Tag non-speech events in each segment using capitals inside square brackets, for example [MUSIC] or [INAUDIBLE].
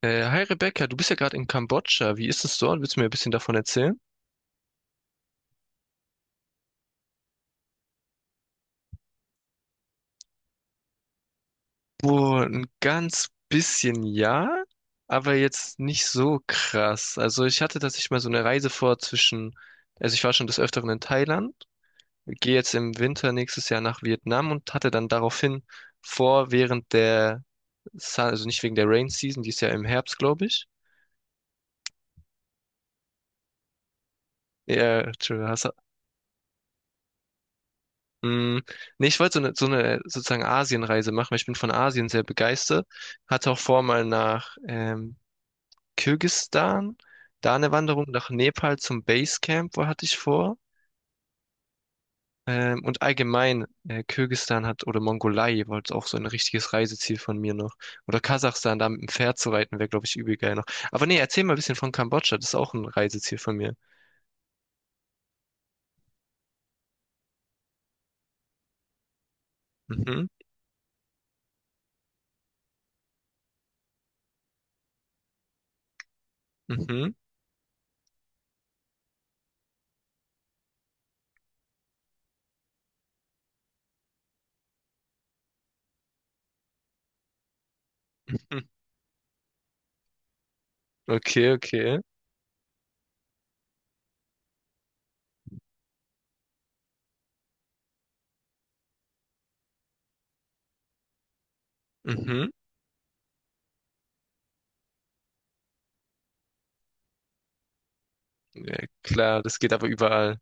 Hi Rebecca, du bist ja gerade in Kambodscha. Wie ist es dort? Willst du mir ein bisschen davon erzählen? Boah, ein ganz bisschen ja, aber jetzt nicht so krass. Also ich hatte tatsächlich mal so eine Reise vor zwischen, also ich war schon des Öfteren in Thailand, gehe jetzt im Winter nächstes Jahr nach Vietnam und hatte dann daraufhin vor, während der, also nicht wegen der Rain Season, die ist ja im Herbst, glaube ich. Ja, Entschuldigung, hast Mm, nee, ich wollte so eine sozusagen Asienreise machen, weil ich bin von Asien sehr begeistert. Hatte auch vor, mal nach Kirgisistan, da eine Wanderung, nach Nepal zum Basecamp, wo hatte ich vor. Und allgemein, Kirgisistan hat, oder Mongolei war jetzt auch so ein richtiges Reiseziel von mir noch. Oder Kasachstan, da mit dem Pferd zu reiten, wäre, glaube ich, übel geil noch. Aber nee, erzähl mal ein bisschen von Kambodscha, das ist auch ein Reiseziel von mir. Mhm, mhm, mhm. Okay, okay. Mhm. Ja, klar, das geht aber überall.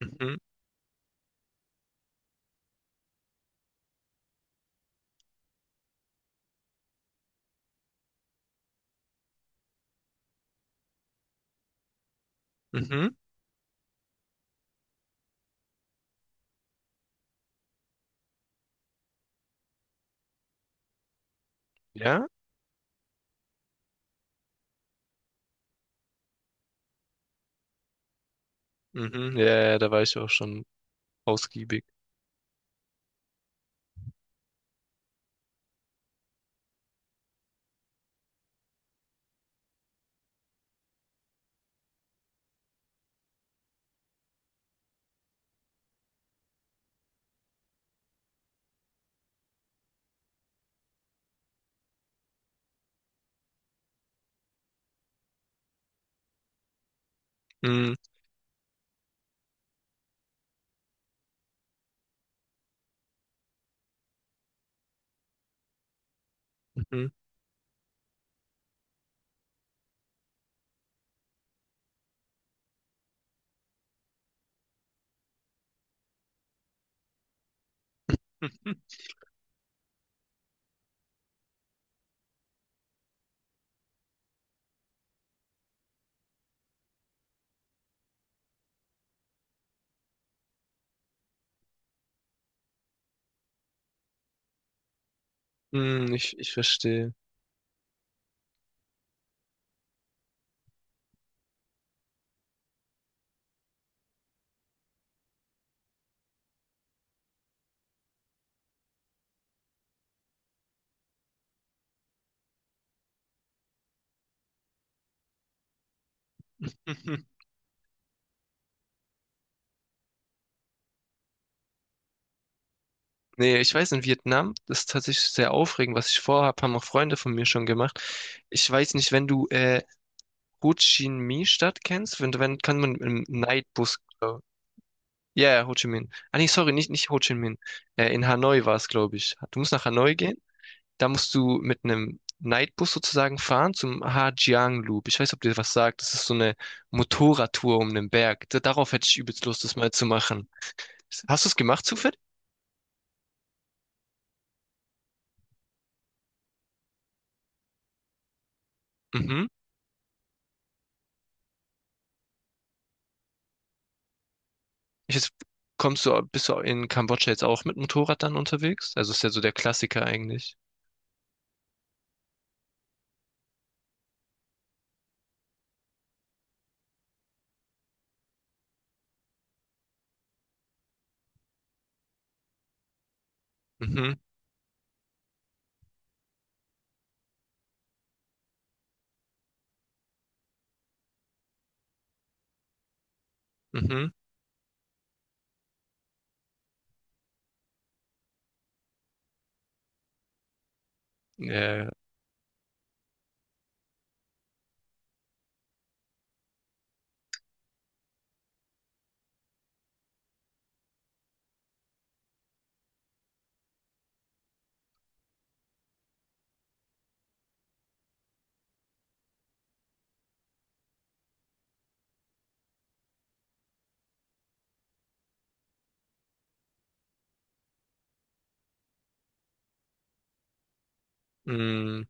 Mhm, mhm. Ja? Mhm. Ja, ja, ja, da war ich auch schon ausgiebig. Mhm. Mhm. [LAUGHS] Mhm. Ich verstehe. [LAUGHS] Mhm. Nee, ich weiß, in Vietnam, das ist tatsächlich sehr aufregend, was ich vorhab, haben auch Freunde von mir schon gemacht. Ich weiß nicht, wenn du Ho Chi Minh-Stadt kennst, wenn kann man im Nightbus, glaub- ja, ja, Ho Chi Minh. Ah nee, sorry, nicht, nicht Ho Chi Minh. In Hanoi war es, glaube ich. Du musst nach Hanoi gehen. Da musst du mit einem Nightbus sozusagen fahren zum Hajiang Loop. Ich weiß, ob dir was sagt. Das ist so eine Motorradtour um den Berg. Da- Darauf hätte ich übelst Lust, das mal zu machen. Hast du es gemacht zufällig? Mhm. Ich jetzt, kommst du, bist du in Kambodscha jetzt auch mit Motorrad dann unterwegs? Also ist ja so der Klassiker eigentlich. Mhm, mhm. Ja, mh,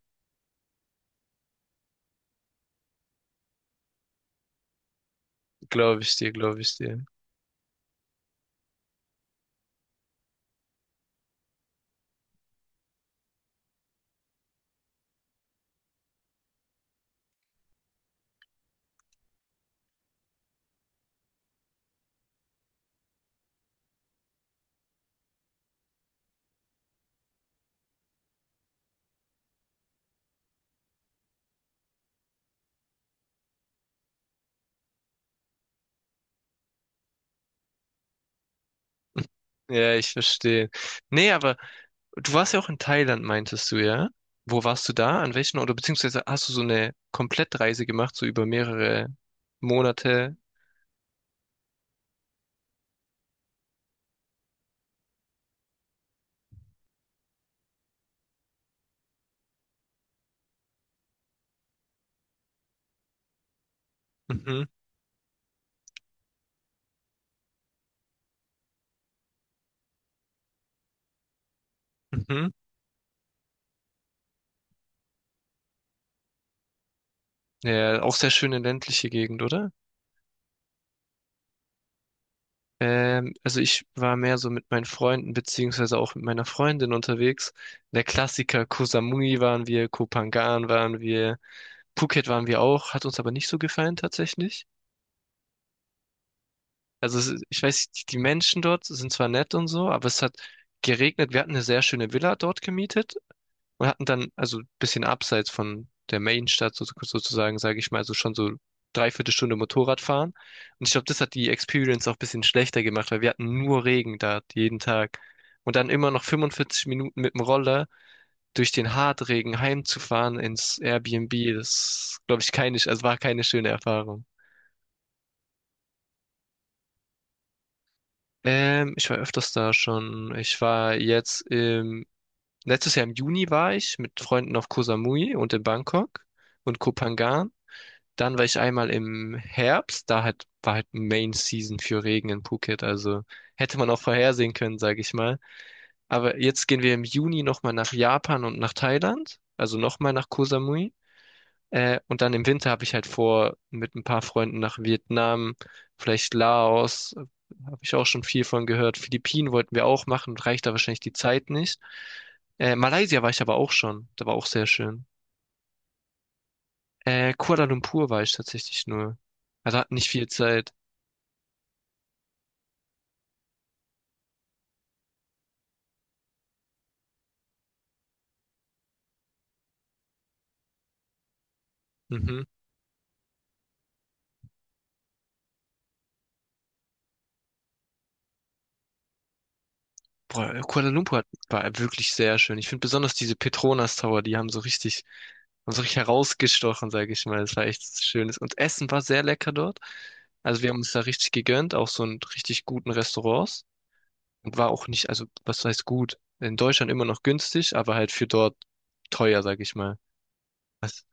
glaube ich dir, glaube ich dir. Ja, ich verstehe. Nee, aber du warst ja auch in Thailand, meintest du, ja? Wo warst du da? An welchen oder beziehungsweise hast du so eine Komplettreise gemacht, so über mehrere Monate? Mhm, mhm. Ja, auch sehr schöne ländliche Gegend, oder? Also ich war mehr so mit meinen Freunden beziehungsweise auch mit meiner Freundin unterwegs. Der Klassiker Koh Samui waren wir, Koh Phangan waren wir, Phuket waren wir auch, hat uns aber nicht so gefallen tatsächlich. Also es ist- ich weiß, die Menschen dort sind zwar nett und so, aber es hat geregnet. Wir hatten eine sehr schöne Villa dort gemietet und hatten dann, also ein bisschen abseits von der Mainstadt so- sozusagen, sage ich mal, so schon so dreiviertel Stunde Motorrad fahren. Und ich glaube, das hat die Experience auch ein bisschen schlechter gemacht, weil wir hatten nur Regen da jeden Tag. Und dann immer noch 45 Minuten mit dem Roller durch den Hartregen heimzufahren ins Airbnb, das glaube ich keine, also war keine schöne Erfahrung. Ich war öfters da schon. Ich war jetzt im, letztes Jahr im Juni war ich mit Freunden auf Koh Samui und in Bangkok und Koh Phangan. Dann war ich einmal im Herbst, da halt, war halt Main Season für Regen in Phuket, also hätte man auch vorhersehen können, sage ich mal. Aber jetzt gehen wir im Juni nochmal nach Japan und nach Thailand, also nochmal nach Koh Samui. Und dann im Winter habe ich halt vor, mit ein paar Freunden nach Vietnam, vielleicht Laos, habe ich auch schon viel von gehört. Philippinen wollten wir auch machen, reicht da wahrscheinlich die Zeit nicht. Malaysia war ich aber auch schon, da war auch sehr schön. Kuala Lumpur war ich tatsächlich nur. Also hat nicht viel Zeit. Mhm. Boah, Kuala Lumpur hat- war wirklich sehr schön. Ich finde besonders diese Petronas Tower, die haben so richtig herausgestochen, sage ich mal. Das war echt schönes. Und Essen war sehr lecker dort. Also wir haben uns da richtig gegönnt, auch so in richtig guten Restaurants. Und war auch nicht, also was heißt gut? In Deutschland immer noch günstig, aber halt für dort teuer, sage ich mal. Das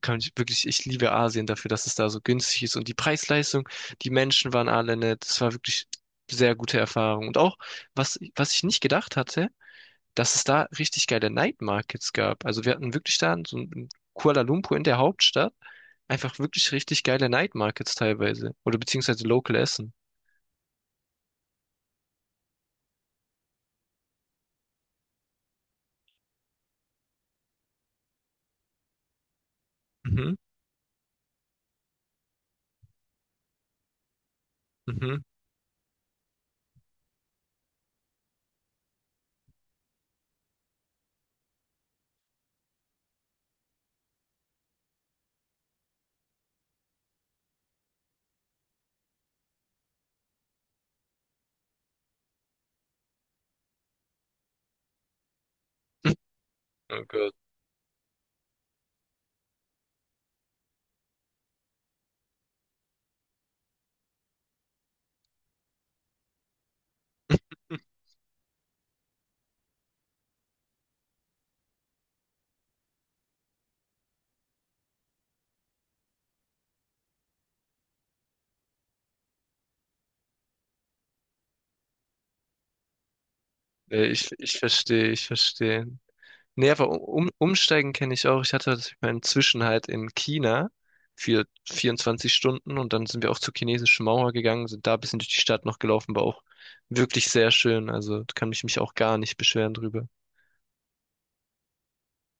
kann ich wirklich, ich liebe Asien dafür, dass es da so günstig ist und die Preis-Leistung, die Menschen waren alle nett. Das war wirklich sehr gute Erfahrung. Und auch, was ich nicht gedacht hatte, dass es da richtig geile Night Markets gab. Also wir hatten wirklich da so in Kuala Lumpur in der Hauptstadt einfach wirklich richtig geile Night Markets teilweise oder beziehungsweise Local Essen. Mhm, mhm. [LAUGHS] Oh Gott. Nee, ich verstehe, ich verstehe. Nee, aber um, um, umsteigen kenne ich auch. Ich hatte das- meinen Zwischenhalt in China für 24 Stunden und dann sind wir auch zur chinesischen Mauer gegangen, sind da ein bisschen durch die Stadt noch gelaufen, war auch wirklich sehr schön. Also da kann ich mich auch gar nicht beschweren drüber.